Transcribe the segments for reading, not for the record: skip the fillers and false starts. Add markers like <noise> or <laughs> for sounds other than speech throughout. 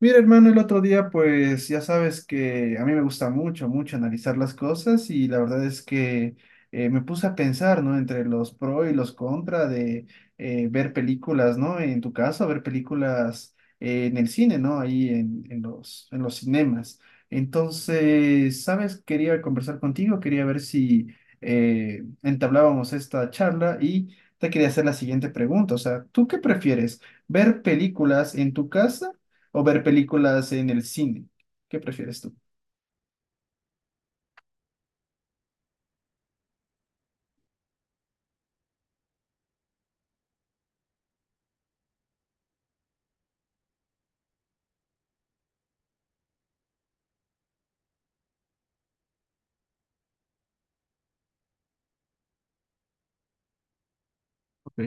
Mira, hermano, el otro día, pues ya sabes que a mí me gusta mucho, mucho analizar las cosas y la verdad es que me puse a pensar, ¿no? Entre los pro y los contra de ver películas, ¿no? En tu caso, ver películas en el cine, ¿no? Ahí en los cinemas. Entonces, ¿sabes? Quería conversar contigo, quería ver si entablábamos esta charla y te quería hacer la siguiente pregunta. O sea, ¿tú qué prefieres? ¿Ver películas en tu casa o ver películas en el cine? ¿Qué prefieres tú? Ok.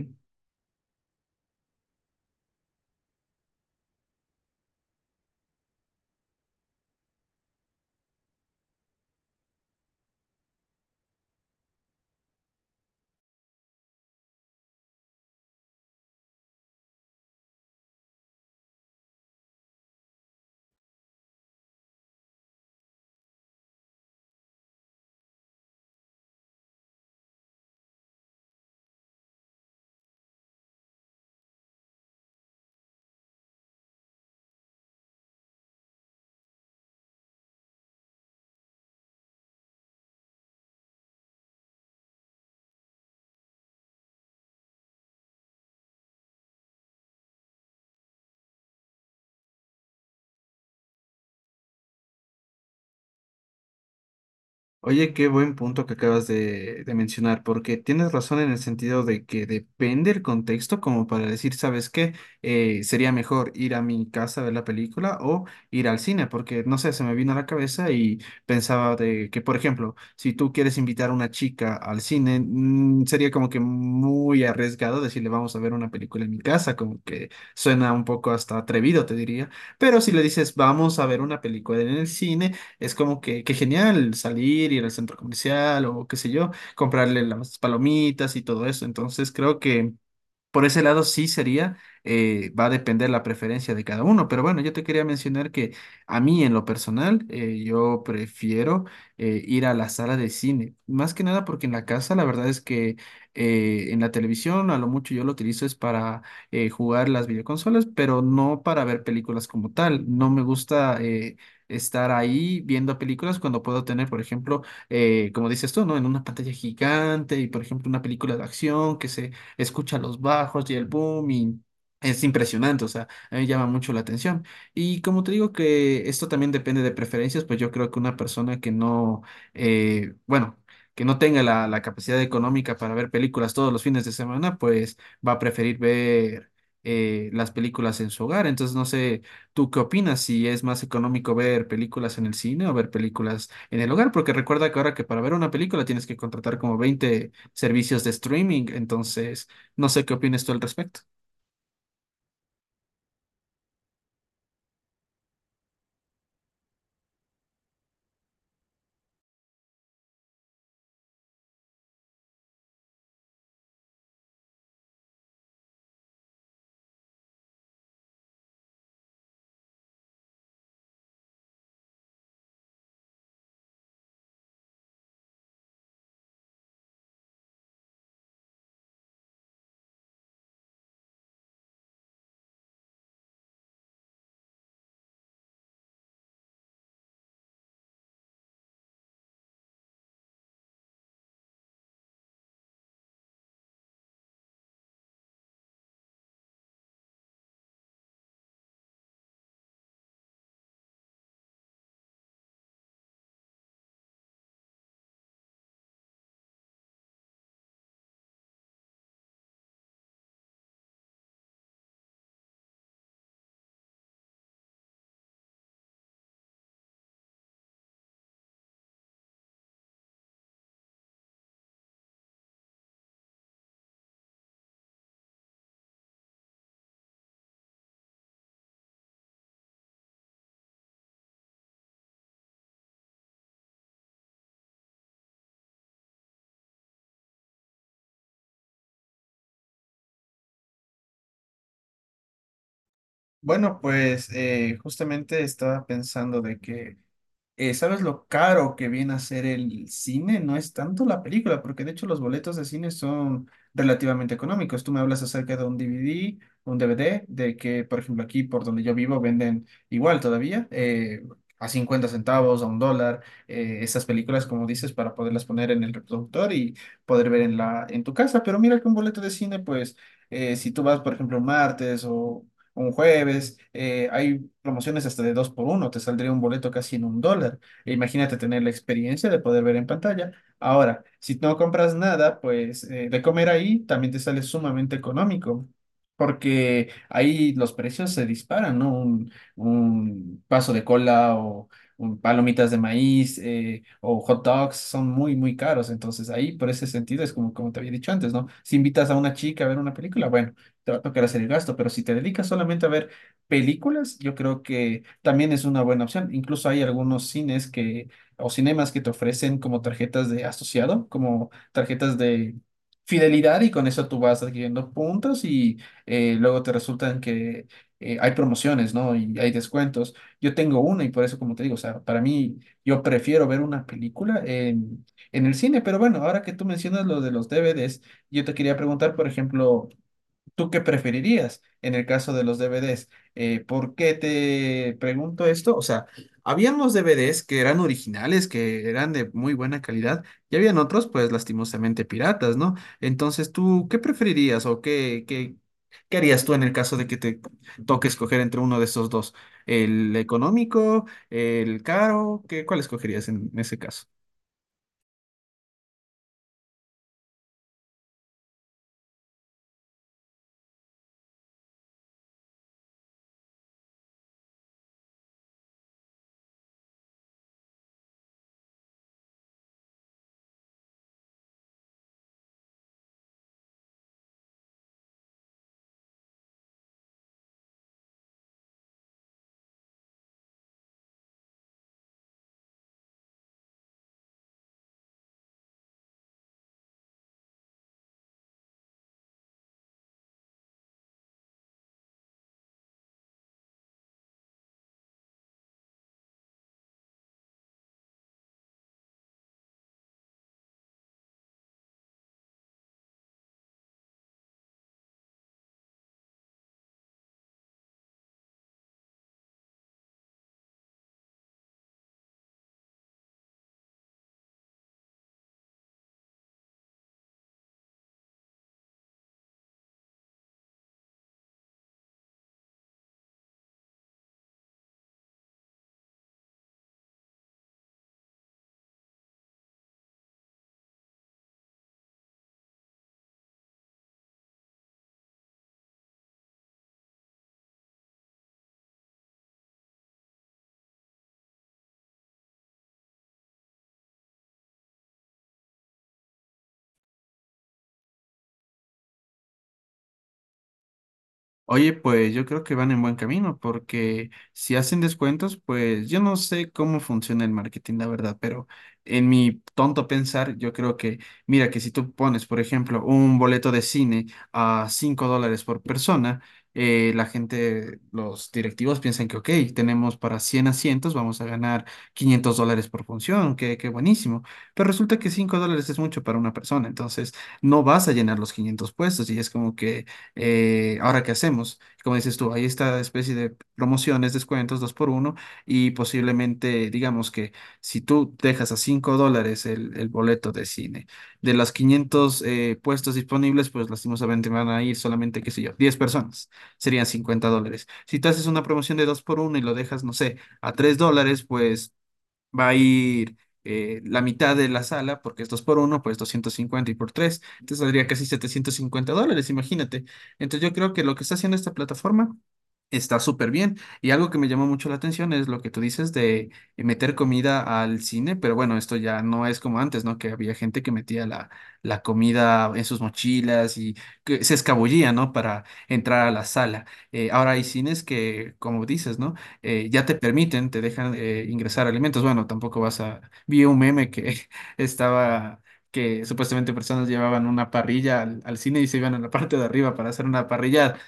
Oye, qué buen punto que acabas de mencionar, porque tienes razón en el sentido de que depende el contexto como para decir, ¿sabes qué? Sería mejor ir a mi casa a ver la película o ir al cine, porque no sé, se me vino a la cabeza y pensaba de que, por ejemplo, si tú quieres invitar a una chica al cine, sería como que muy arriesgado decirle vamos a ver una película en mi casa, como que suena un poco hasta atrevido, te diría, pero si le dices vamos a ver una película en el cine, es como que genial salir, ir al centro comercial o qué sé yo, comprarle las palomitas y todo eso. Entonces creo que por ese lado sí sería, va a depender la preferencia de cada uno, pero bueno, yo te quería mencionar que a mí en lo personal, yo prefiero ir a la sala de cine, más que nada porque en la casa la verdad es que en la televisión a lo mucho yo lo utilizo es para jugar las videoconsolas, pero no para ver películas como tal, no me gusta estar ahí viendo películas cuando puedo tener, por ejemplo, como dices tú, ¿no? En una pantalla gigante y, por ejemplo, una película de acción que se escucha los bajos y el boom y es impresionante, o sea, a mí me llama mucho la atención. Y como te digo que esto también depende de preferencias, pues yo creo que una persona que no, bueno, que no tenga la capacidad económica para ver películas todos los fines de semana, pues va a preferir ver las películas en su hogar. Entonces, no sé, ¿tú qué opinas? Si es más económico ver películas en el cine o ver películas en el hogar, porque recuerda que ahora que para ver una película tienes que contratar como 20 servicios de streaming, entonces no sé qué opinas tú al respecto. Bueno, pues justamente estaba pensando de que, ¿sabes lo caro que viene a ser el cine? No es tanto la película, porque de hecho los boletos de cine son relativamente económicos. Tú me hablas acerca de un DVD, de que, por ejemplo, aquí por donde yo vivo venden igual todavía, a 50 centavos, a $1, esas películas, como dices, para poderlas poner en el reproductor y poder ver en en tu casa. Pero mira que un boleto de cine, pues si tú vas, por ejemplo, un martes o un jueves, hay promociones hasta de dos por uno, te saldría un boleto casi en $1. E imagínate tener la experiencia de poder ver en pantalla. Ahora, si no compras nada, pues de comer ahí también te sale sumamente económico. Porque ahí los precios se disparan, ¿no? Un vaso de cola o un palomitas de maíz o hot dogs son muy, muy caros. Entonces ahí, por ese sentido, es como te había dicho antes, ¿no? Si invitas a una chica a ver una película, bueno, te va a tocar hacer el gasto, pero si te dedicas solamente a ver películas, yo creo que también es una buena opción. Incluso hay algunos cines o cinemas que te ofrecen como tarjetas de asociado, como tarjetas de fidelidad y con eso tú vas adquiriendo puntos y luego te resultan que hay promociones, ¿no? Y hay descuentos. Yo tengo una y por eso, como te digo, o sea, para mí yo prefiero ver una película en el cine, pero bueno, ahora que tú mencionas lo de los DVDs, yo te quería preguntar, por ejemplo, ¿tú qué preferirías en el caso de los DVDs? ¿Por qué te pregunto esto? O sea, habían los DVDs que eran originales, que eran de muy buena calidad, y habían otros, pues lastimosamente piratas, ¿no? Entonces, ¿tú qué preferirías o qué harías tú en el caso de que te toque escoger entre uno de esos dos? ¿El económico, el caro? ¿Qué, cuál escogerías en ese caso? Oye, pues yo creo que van en buen camino porque si hacen descuentos, pues yo no sé cómo funciona el marketing, la verdad, pero en mi tonto pensar, yo creo que, mira, que si tú pones, por ejemplo, un boleto de cine a $5 por persona, la gente, los directivos piensan que, ok, tenemos para 100 asientos, vamos a ganar $500 por función, que buenísimo, pero resulta que $5 es mucho para una persona, entonces no vas a llenar los 500 puestos y es como que ahora qué hacemos. Como dices tú, hay esta especie de promociones, descuentos, dos por uno, y posiblemente, digamos que si tú dejas a $5 el boleto de cine, de los 500 puestos disponibles, pues lastimosamente van a ir solamente, qué sé yo, 10 personas, serían $50. Si tú haces una promoción de dos por uno y lo dejas, no sé, a $3, pues va a ir la mitad de la sala, porque es 2 por uno pues 250 y por tres. Entonces saldría casi $750, imagínate. Entonces yo creo que lo que está haciendo esta plataforma está súper bien. Y algo que me llamó mucho la atención es lo que tú dices de meter comida al cine, pero bueno, esto ya no es como antes, ¿no? Que había gente que metía la comida en sus mochilas y que se escabullía, ¿no? Para entrar a la sala. Ahora hay cines que, como dices, ¿no? Ya te permiten, te dejan ingresar alimentos. Bueno, tampoco vas a... Vi un meme que <laughs> estaba, que supuestamente personas llevaban una parrilla al cine y se iban a la parte de arriba para hacer una parrillada.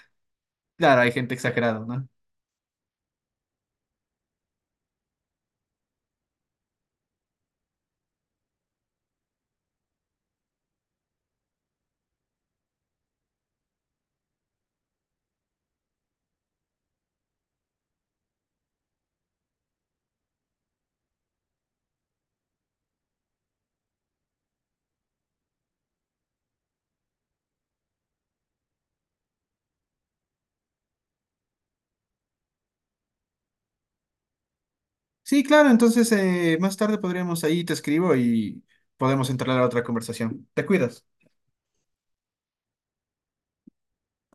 Claro, hay gente exagerada, ¿no? Sí, claro, entonces más tarde podríamos ahí, te escribo y podemos entrar a otra conversación. Te cuidas.